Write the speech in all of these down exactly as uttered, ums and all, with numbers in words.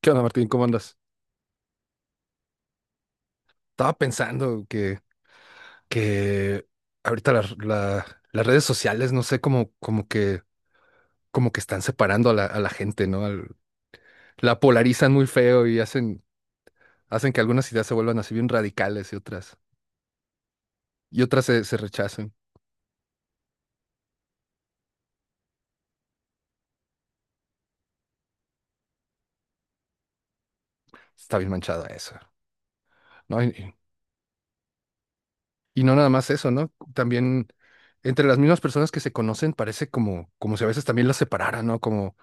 ¿Qué onda, Martín? ¿Cómo andas? Estaba pensando que, que ahorita las la- las redes sociales, no sé, como, como que, como que están separando a la, a la gente, ¿no? Al- la polarizan muy feo y hacen, hacen que algunas ideas se vuelvan así bien radicales y otras, y otras se, se rechacen. Está bien manchado eso, ¿no? Y, y no nada más eso, ¿no? También entre las mismas personas que se conocen parece como, como si a veces también las separaran, ¿no? Como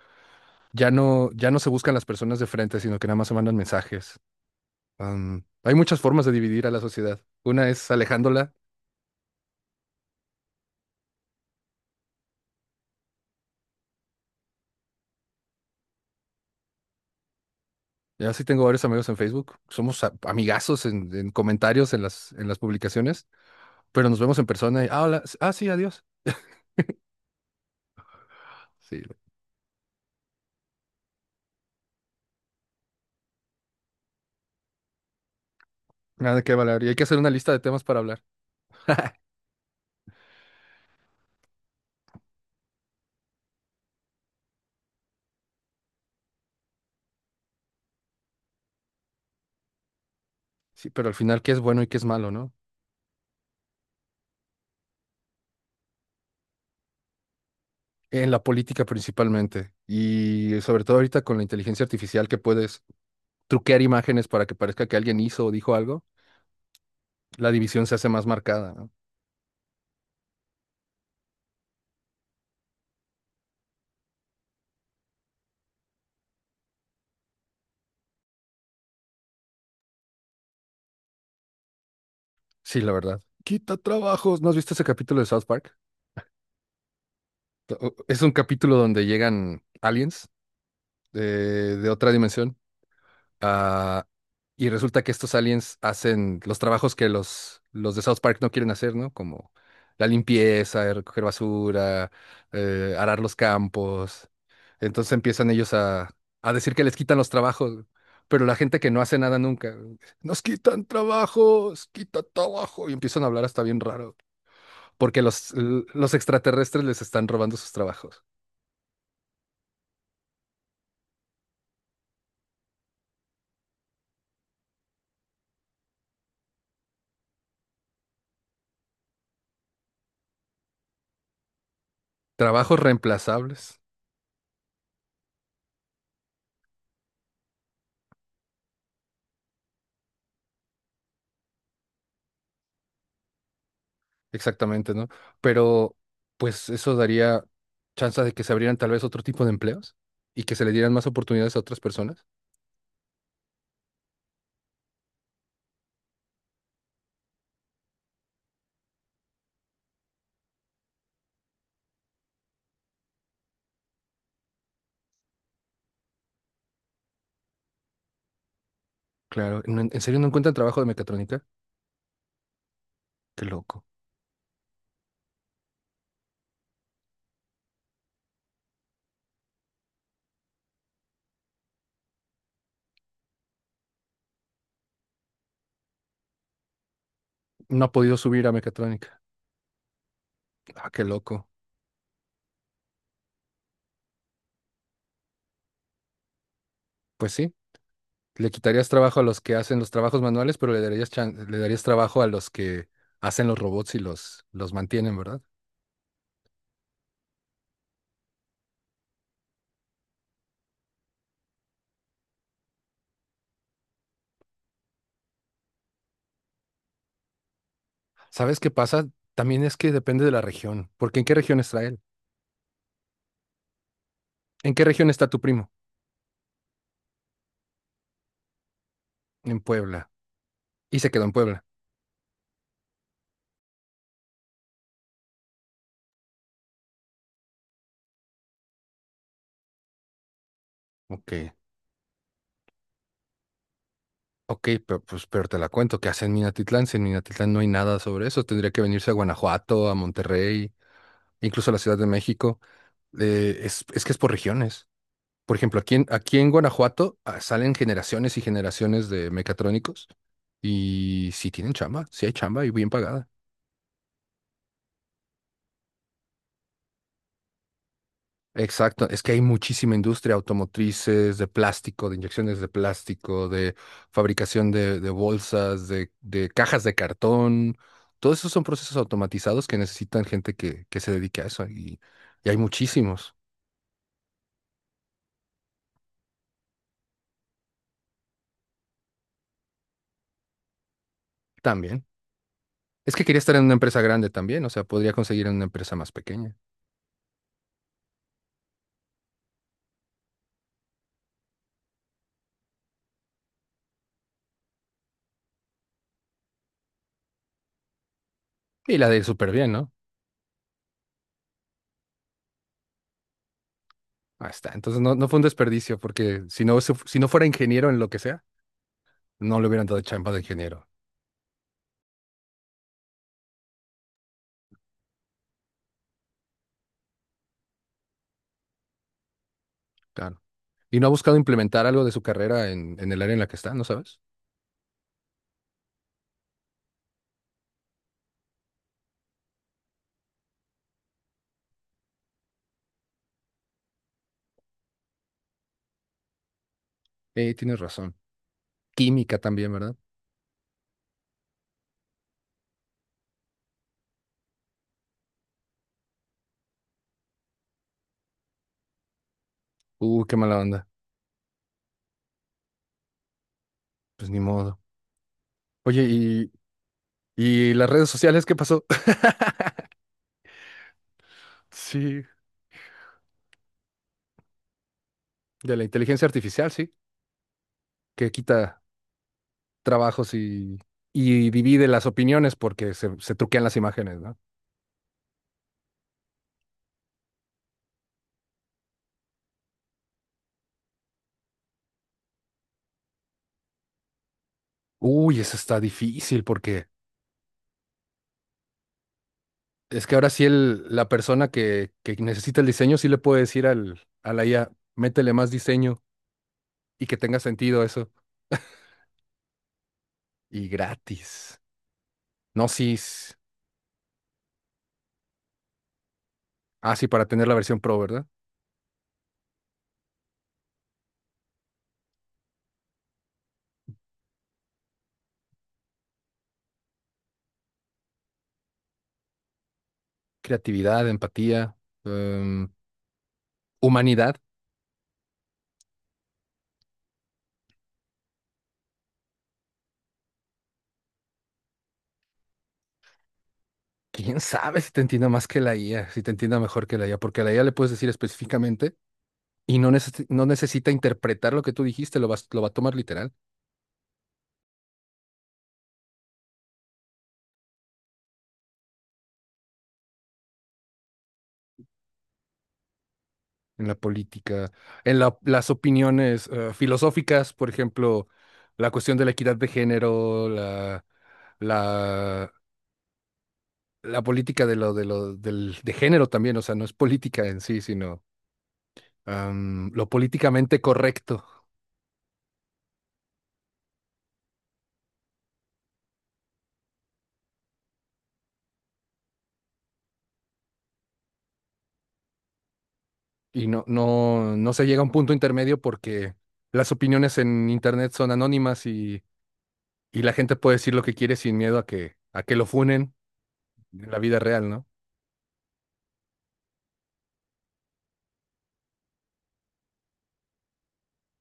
ya no, ya no se buscan las personas de frente, sino que nada más se mandan mensajes. Am, hay muchas formas de dividir a la sociedad. Una es alejándola. Ya sí tengo varios amigos en Facebook. Somos a- amigazos en, en comentarios, en las, en las publicaciones, pero nos vemos en persona y, ah, hola, s- ah, sí, adiós. Sí, nada que hablar. Y hay que hacer una lista de temas para hablar. Sí, pero al final, ¿qué es bueno y qué es malo, no? En la política principalmente. Y sobre todo ahorita con la inteligencia artificial que puedes truquear imágenes para que parezca que alguien hizo o dijo algo, la división se hace más marcada, ¿no? Sí, la verdad. Quita trabajos. ¿No has visto ese capítulo de South Park? O- Es un capítulo donde llegan aliens eh, de otra dimensión ah, y resulta que estos aliens hacen los trabajos que los, los de South Park no quieren hacer, ¿no? Como la limpieza, eh, recoger basura, eh, arar los campos. Entonces empiezan ellos a, a decir que les quitan los trabajos, pero la gente que no hace nada nunca, nos quitan trabajos, quita trabajo, y empiezan a hablar hasta bien raro, porque los, los extraterrestres les están robando sus trabajos. Trabajos reemplazables, exactamente, ¿no? Pero pues eso daría chance de que se abrieran tal vez otro tipo de empleos y que se le dieran más oportunidades a otras personas. Claro, ¿no- ¿en serio no encuentran trabajo de mecatrónica? Qué loco. No ha podido subir a mecatrónica. Ah, qué loco. Pues sí, le quitarías trabajo a los que hacen los trabajos manuales, pero le darías chan- le darías trabajo a los que hacen los robots y los, los mantienen, ¿verdad? ¿Sabes qué pasa? También es que depende de la región, porque ¿en qué región está él? ¿En qué región está tu primo? En Puebla. Y se quedó en Puebla. Ok. Ok, pero, pues, pero te la cuento, ¿qué hace en Minatitlán? Si en Minatitlán no hay nada sobre eso, tendría que venirse a Guanajuato, a Monterrey, incluso a la Ciudad de México. Eh, es, es que es por regiones. Por ejemplo, aquí en, aquí en Guanajuato ah, salen generaciones y generaciones de mecatrónicos y sí tienen chamba, sí hay chamba y bien pagada. Exacto, es que hay muchísima industria automotrices, de plástico, de inyecciones de plástico, de fabricación de, de bolsas, de, de cajas de cartón. Todos esos son procesos automatizados que necesitan gente que, que se dedique a eso y, y hay muchísimos también. Es que quería estar en una empresa grande también, o sea, podría conseguir en una empresa más pequeña. Y la de ir súper bien, ¿no? Ahí está. Entonces no, no fue un desperdicio porque si no, se- si no fuera ingeniero en lo que sea, no le hubieran dado chamba de ingeniero. Claro. Y no ha buscado implementar algo de su carrera en, en el área en la que está, ¿no sabes? Eh, tienes razón. Química también, ¿verdad? Uh, qué mala onda. Pues ni modo. Oye, ¿y, y las redes sociales qué pasó? Sí, de la inteligencia artificial, sí, que quita trabajos y, y divide las opiniones porque se, se truquean las imágenes, ¿no? Uy, eso está difícil porque es que ahora sí el, la persona que, que necesita el diseño sí le puede decir al, a la I A, métele más diseño y que tenga sentido eso. Y gratis. No, sí. Ah, sí, para tener la versión pro, ¿verdad? Creatividad, empatía, em, humanidad. ¿Quién sabe si te entienda más que la I A, si te entienda mejor que la I A? Porque a la I A le puedes decir específicamente y no, neces- no necesita interpretar lo que tú dijiste, lo, vas- lo va a tomar literal. En la política, en la- las opiniones eh, filosóficas, por ejemplo, la cuestión de la equidad de género, la, la, la política de lo, de lo, del, de género también, o sea, no es política en sí, sino am, lo políticamente correcto y no, no, no se llega a un punto intermedio porque las opiniones en internet son anónimas y, y la gente puede decir lo que quiere sin miedo a que, a que lo funen en la vida real, ¿no?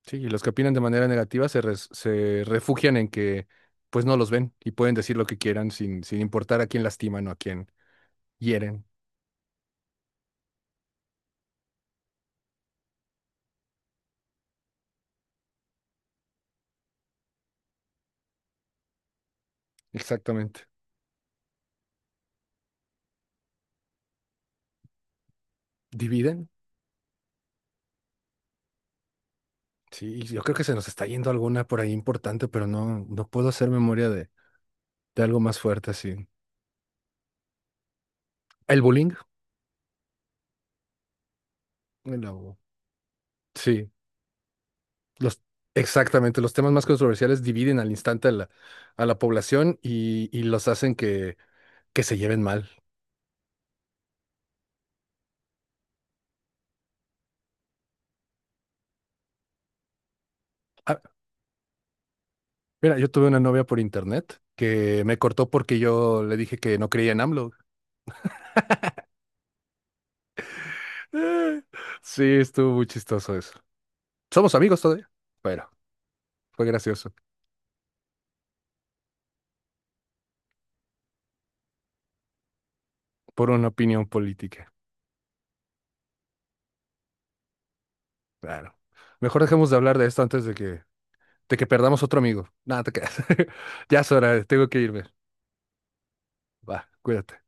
Sí, y los que opinan de manera negativa se, res- se refugian en que pues no los ven y pueden decir lo que quieran sin, sin importar a quién lastiman o a quién hieren. Exactamente. ¿Dividen? Sí, yo creo que se nos está yendo alguna por ahí importante, pero no, no puedo hacer memoria de, de algo más fuerte así. ¿El bullying? En la U. Sí, los, exactamente. Los temas más controversiales dividen al instante a la, a la población y, y los hacen que, que se lleven mal. Ah, mira, yo tuve una novia por internet que me cortó porque yo le dije que no creía en AMLO. Eh, Sí, estuvo muy chistoso eso. Somos amigos todavía, pero fue gracioso por una opinión política. Claro. Mejor dejemos de hablar de esto antes de que, de que perdamos otro amigo. Nada, te quedas. Ya es hora, tengo que irme. Va, cuídate.